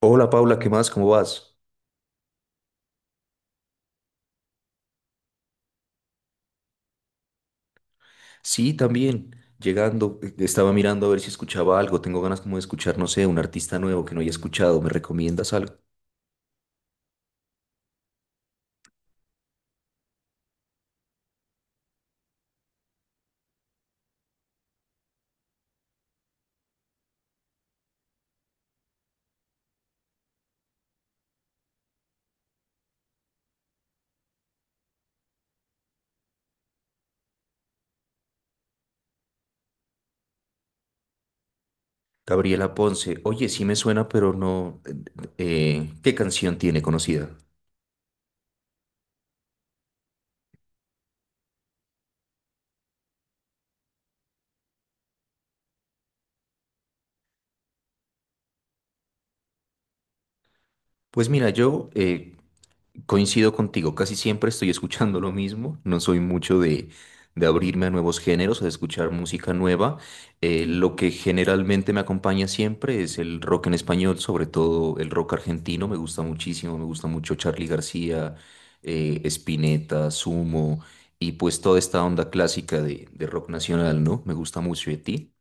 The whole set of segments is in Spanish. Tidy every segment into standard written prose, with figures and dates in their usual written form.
Hola Paula, ¿qué más? ¿Cómo vas? Sí, también. Llegando, estaba mirando a ver si escuchaba algo. Tengo ganas como de escuchar, no sé, un artista nuevo que no haya escuchado. ¿Me recomiendas algo? Gabriela Ponce. Oye, sí me suena, pero no. ¿Qué canción tiene conocida? Pues mira, yo, coincido contigo, casi siempre estoy escuchando lo mismo, no soy mucho de abrirme a nuevos géneros, a escuchar música nueva. Lo que generalmente me acompaña siempre es el rock en español, sobre todo el rock argentino, me gusta muchísimo, me gusta mucho Charly García, Spinetta, Sumo, y pues toda esta onda clásica de rock nacional, ¿no? Me gusta mucho de ti.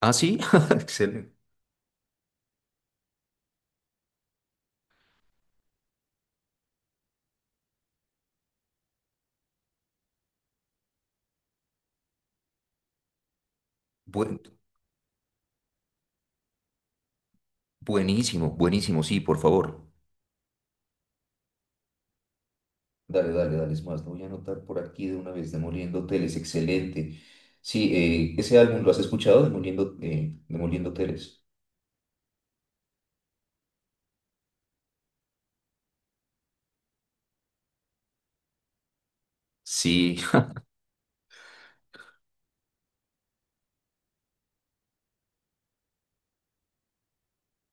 Ah, sí, excelente. Buen- Buenísimo, buenísimo, sí, por favor. Dale, dale, dale, es más, lo voy a anotar por aquí de una vez, Demoliendo Hoteles, excelente. Sí, ese álbum lo has escuchado, Demoliendo Hoteles. Sí,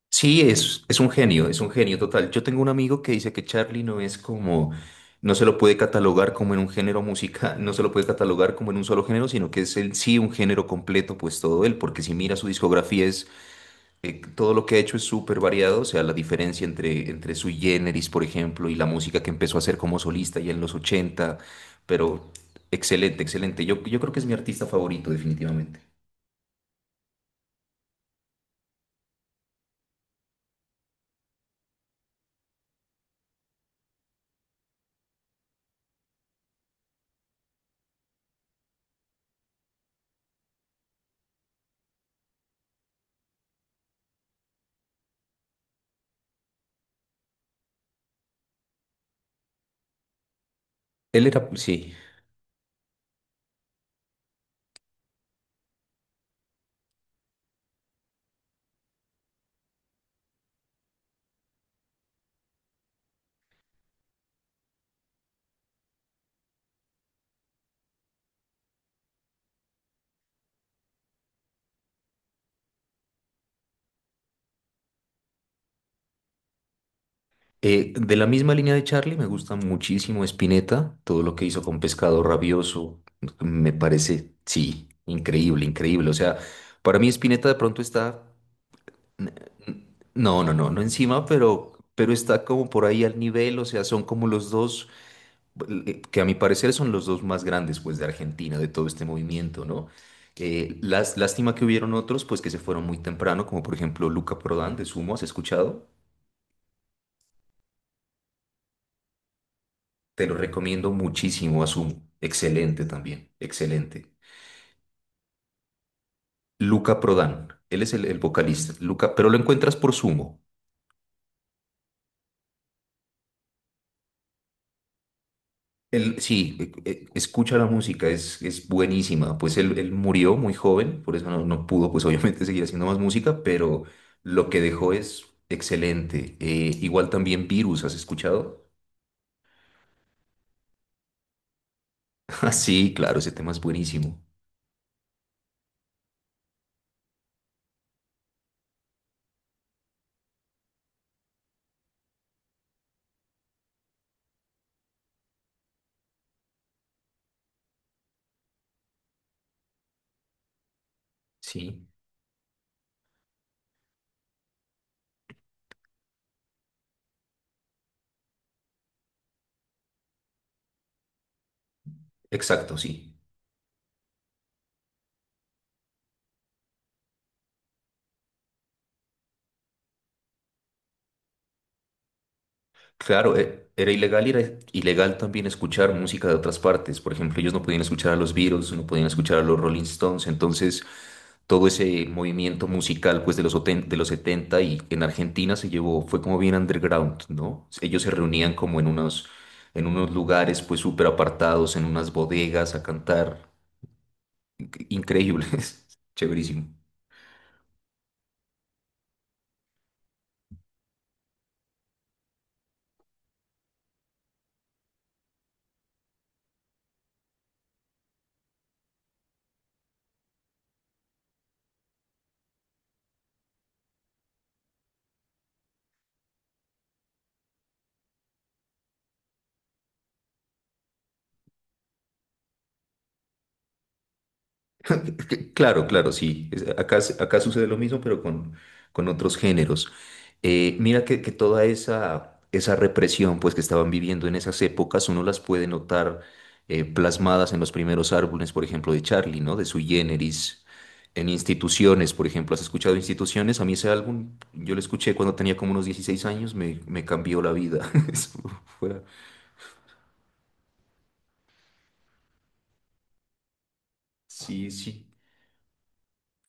sí, es un genio total. Yo tengo un amigo que dice que Charlie no es como, no se lo puede catalogar como en un género musical, no se lo puede catalogar como en un solo género, sino que es en sí un género completo, pues todo él, porque si mira su discografía, todo lo que ha hecho es súper variado, o sea, la diferencia entre su generis, por ejemplo, y la música que empezó a hacer como solista ya en los ochenta, pero excelente, excelente. Yo creo que es mi artista favorito, definitivamente. Él era, sí. De la misma línea de Charlie, me gusta muchísimo Spinetta, todo lo que hizo con Pescado Rabioso, me parece, sí, increíble, increíble. O sea, para mí Spinetta de pronto está, no, no encima, pero está como por ahí al nivel, o sea, son como los dos. Eh, que a mi parecer son los dos más grandes, pues, de Argentina, de todo este movimiento, ¿no? Las, lástima que hubieron otros, pues, que se fueron muy temprano, como por ejemplo Luca Prodan de Sumo, ¿has escuchado? Te lo recomiendo muchísimo a Sumo. Excelente también, excelente. Luca Prodan, él es el vocalista, Luca, pero lo encuentras por Sumo. Él, sí, escucha la música, es buenísima. Pues él murió muy joven, por eso no, no pudo, pues obviamente, seguir haciendo más música, pero lo que dejó es excelente. Igual también Virus, ¿has escuchado? Ah, sí, claro, ese tema es buenísimo. Sí, exacto, sí. Claro, era ilegal y era ilegal también escuchar música de otras partes. Por ejemplo, ellos no podían escuchar a los Beatles, no podían escuchar a los Rolling Stones. Entonces, todo ese movimiento musical pues de los, de los 70 y en Argentina se llevó, fue como bien underground, ¿no? Ellos se reunían como en unos lugares pues súper apartados, en unas bodegas a cantar. Increíbles, chéverísimo. Claro, claro, sí. Acá, acá sucede lo mismo, pero con otros géneros. Mira que toda esa represión pues, que estaban viviendo en esas épocas, uno las puede notar, plasmadas en los primeros álbumes, por ejemplo, de Charlie, ¿no? De Sui Generis, en Instituciones, por ejemplo. ¿Has escuchado Instituciones? A mí ese álbum, yo lo escuché cuando tenía como unos 16 años, me cambió la vida. Fue- Sí, sí.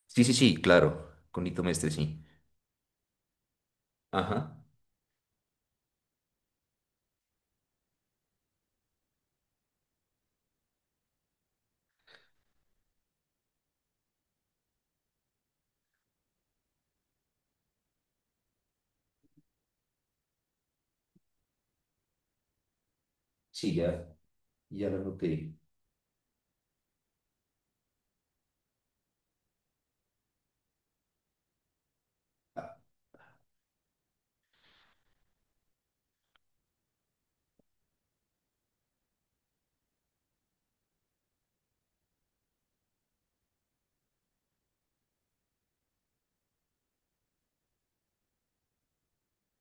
Sí, sí, sí, claro. Con Nito Mestre, sí. Ajá. Sí, ya. Ya lo noté. Ah,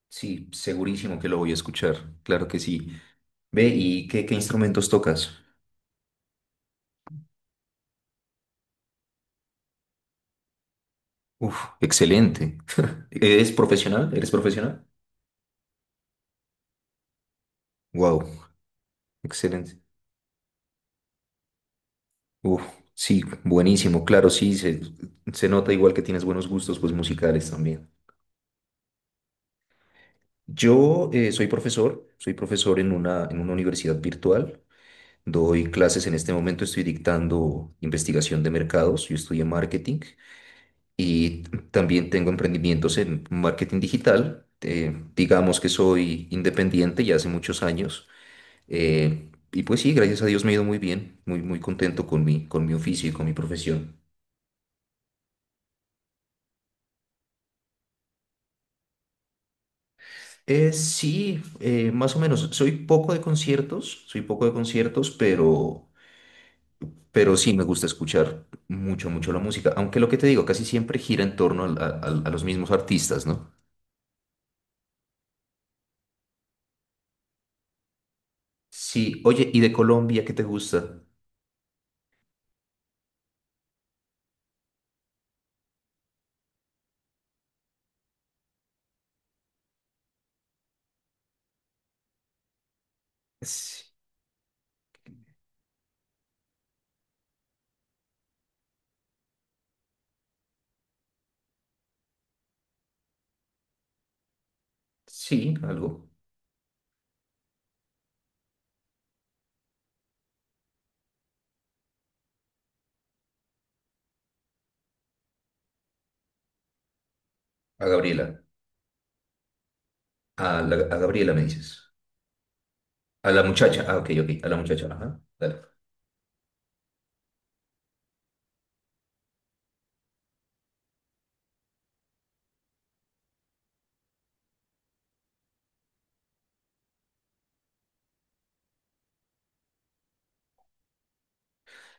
sí, segurísimo que lo voy a escuchar. Claro que sí. Ve, ¿y qué instrumentos tocas? Uf, excelente. ¿Eres profesional? ¿Eres profesional? Wow, excelente. Uf, sí, buenísimo. Claro, sí, se nota igual que tienes buenos gustos, pues musicales también. Yo soy profesor en en una universidad virtual. Doy clases en este momento, estoy dictando investigación de mercados, yo estudié marketing. También tengo emprendimientos en marketing digital. Digamos que soy independiente ya hace muchos años. eh, y pues sí, gracias a Dios me ha ido muy bien, muy, muy contento con mi oficio y con mi profesión. Sí, Más o menos. Soy poco de conciertos, soy poco de conciertos, pero sí me gusta escuchar mucho, mucho la música. Aunque lo que te digo, casi siempre gira en torno a, a los mismos artistas, ¿no? Sí, oye, ¿y de Colombia qué te gusta? Sí, sí, algo. A Gabriela. A, a Gabriela me dices. A la muchacha. Ah, ok, ok. A la muchacha. Ajá. Dale.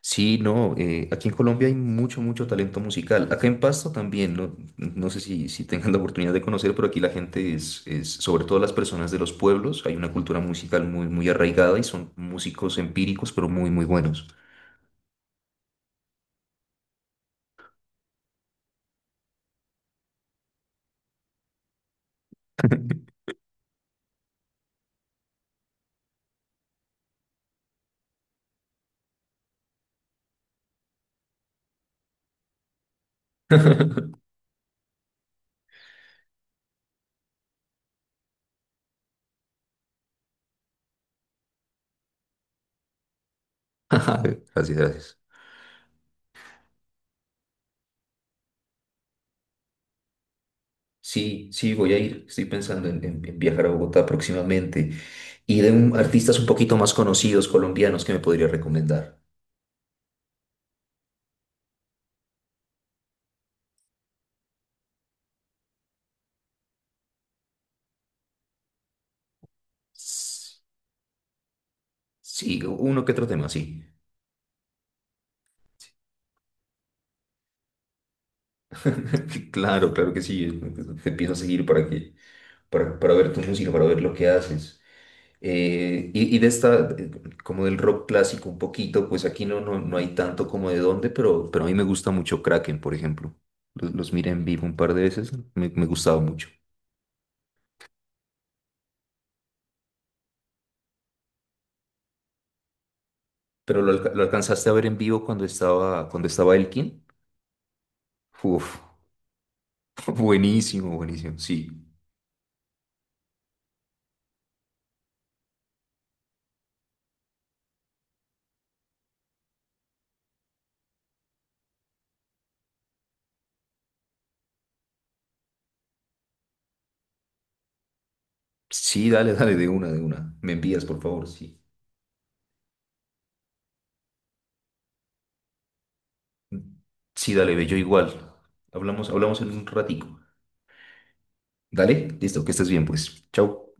Sí, no. Aquí en Colombia hay mucho, mucho talento musical. Acá en Pasto también. No, no sé si, si tengan la oportunidad de conocer, pero aquí la gente es, sobre todo las personas de los pueblos, hay una cultura musical muy, muy arraigada y son músicos empíricos, pero muy, muy buenos. Gracias, gracias. Sí, sí, voy a ir. Estoy pensando en viajar a Bogotá próximamente. Y de artistas un poquito más conocidos colombianos que me podría recomendar. Sí, uno que otro tema, sí. Claro, claro que sí. Te empiezo a seguir para ver tu música, para ver lo que haces. Y de esta, como del rock clásico un poquito, pues aquí no, no hay tanto como de dónde, pero a mí me gusta mucho Kraken, por ejemplo. Los miré en vivo un par de veces, me gustaba mucho. Pero lo, lo alcanzaste a ver en vivo cuando estaba Elkin. Uf, buenísimo, buenísimo, sí. Sí, dale, dale, de una, de una. Me envías, por favor, sí. Sí, dale, ve, yo igual. Hablamos, hablamos en un ratico. Dale, listo, que estés bien, pues. Chau.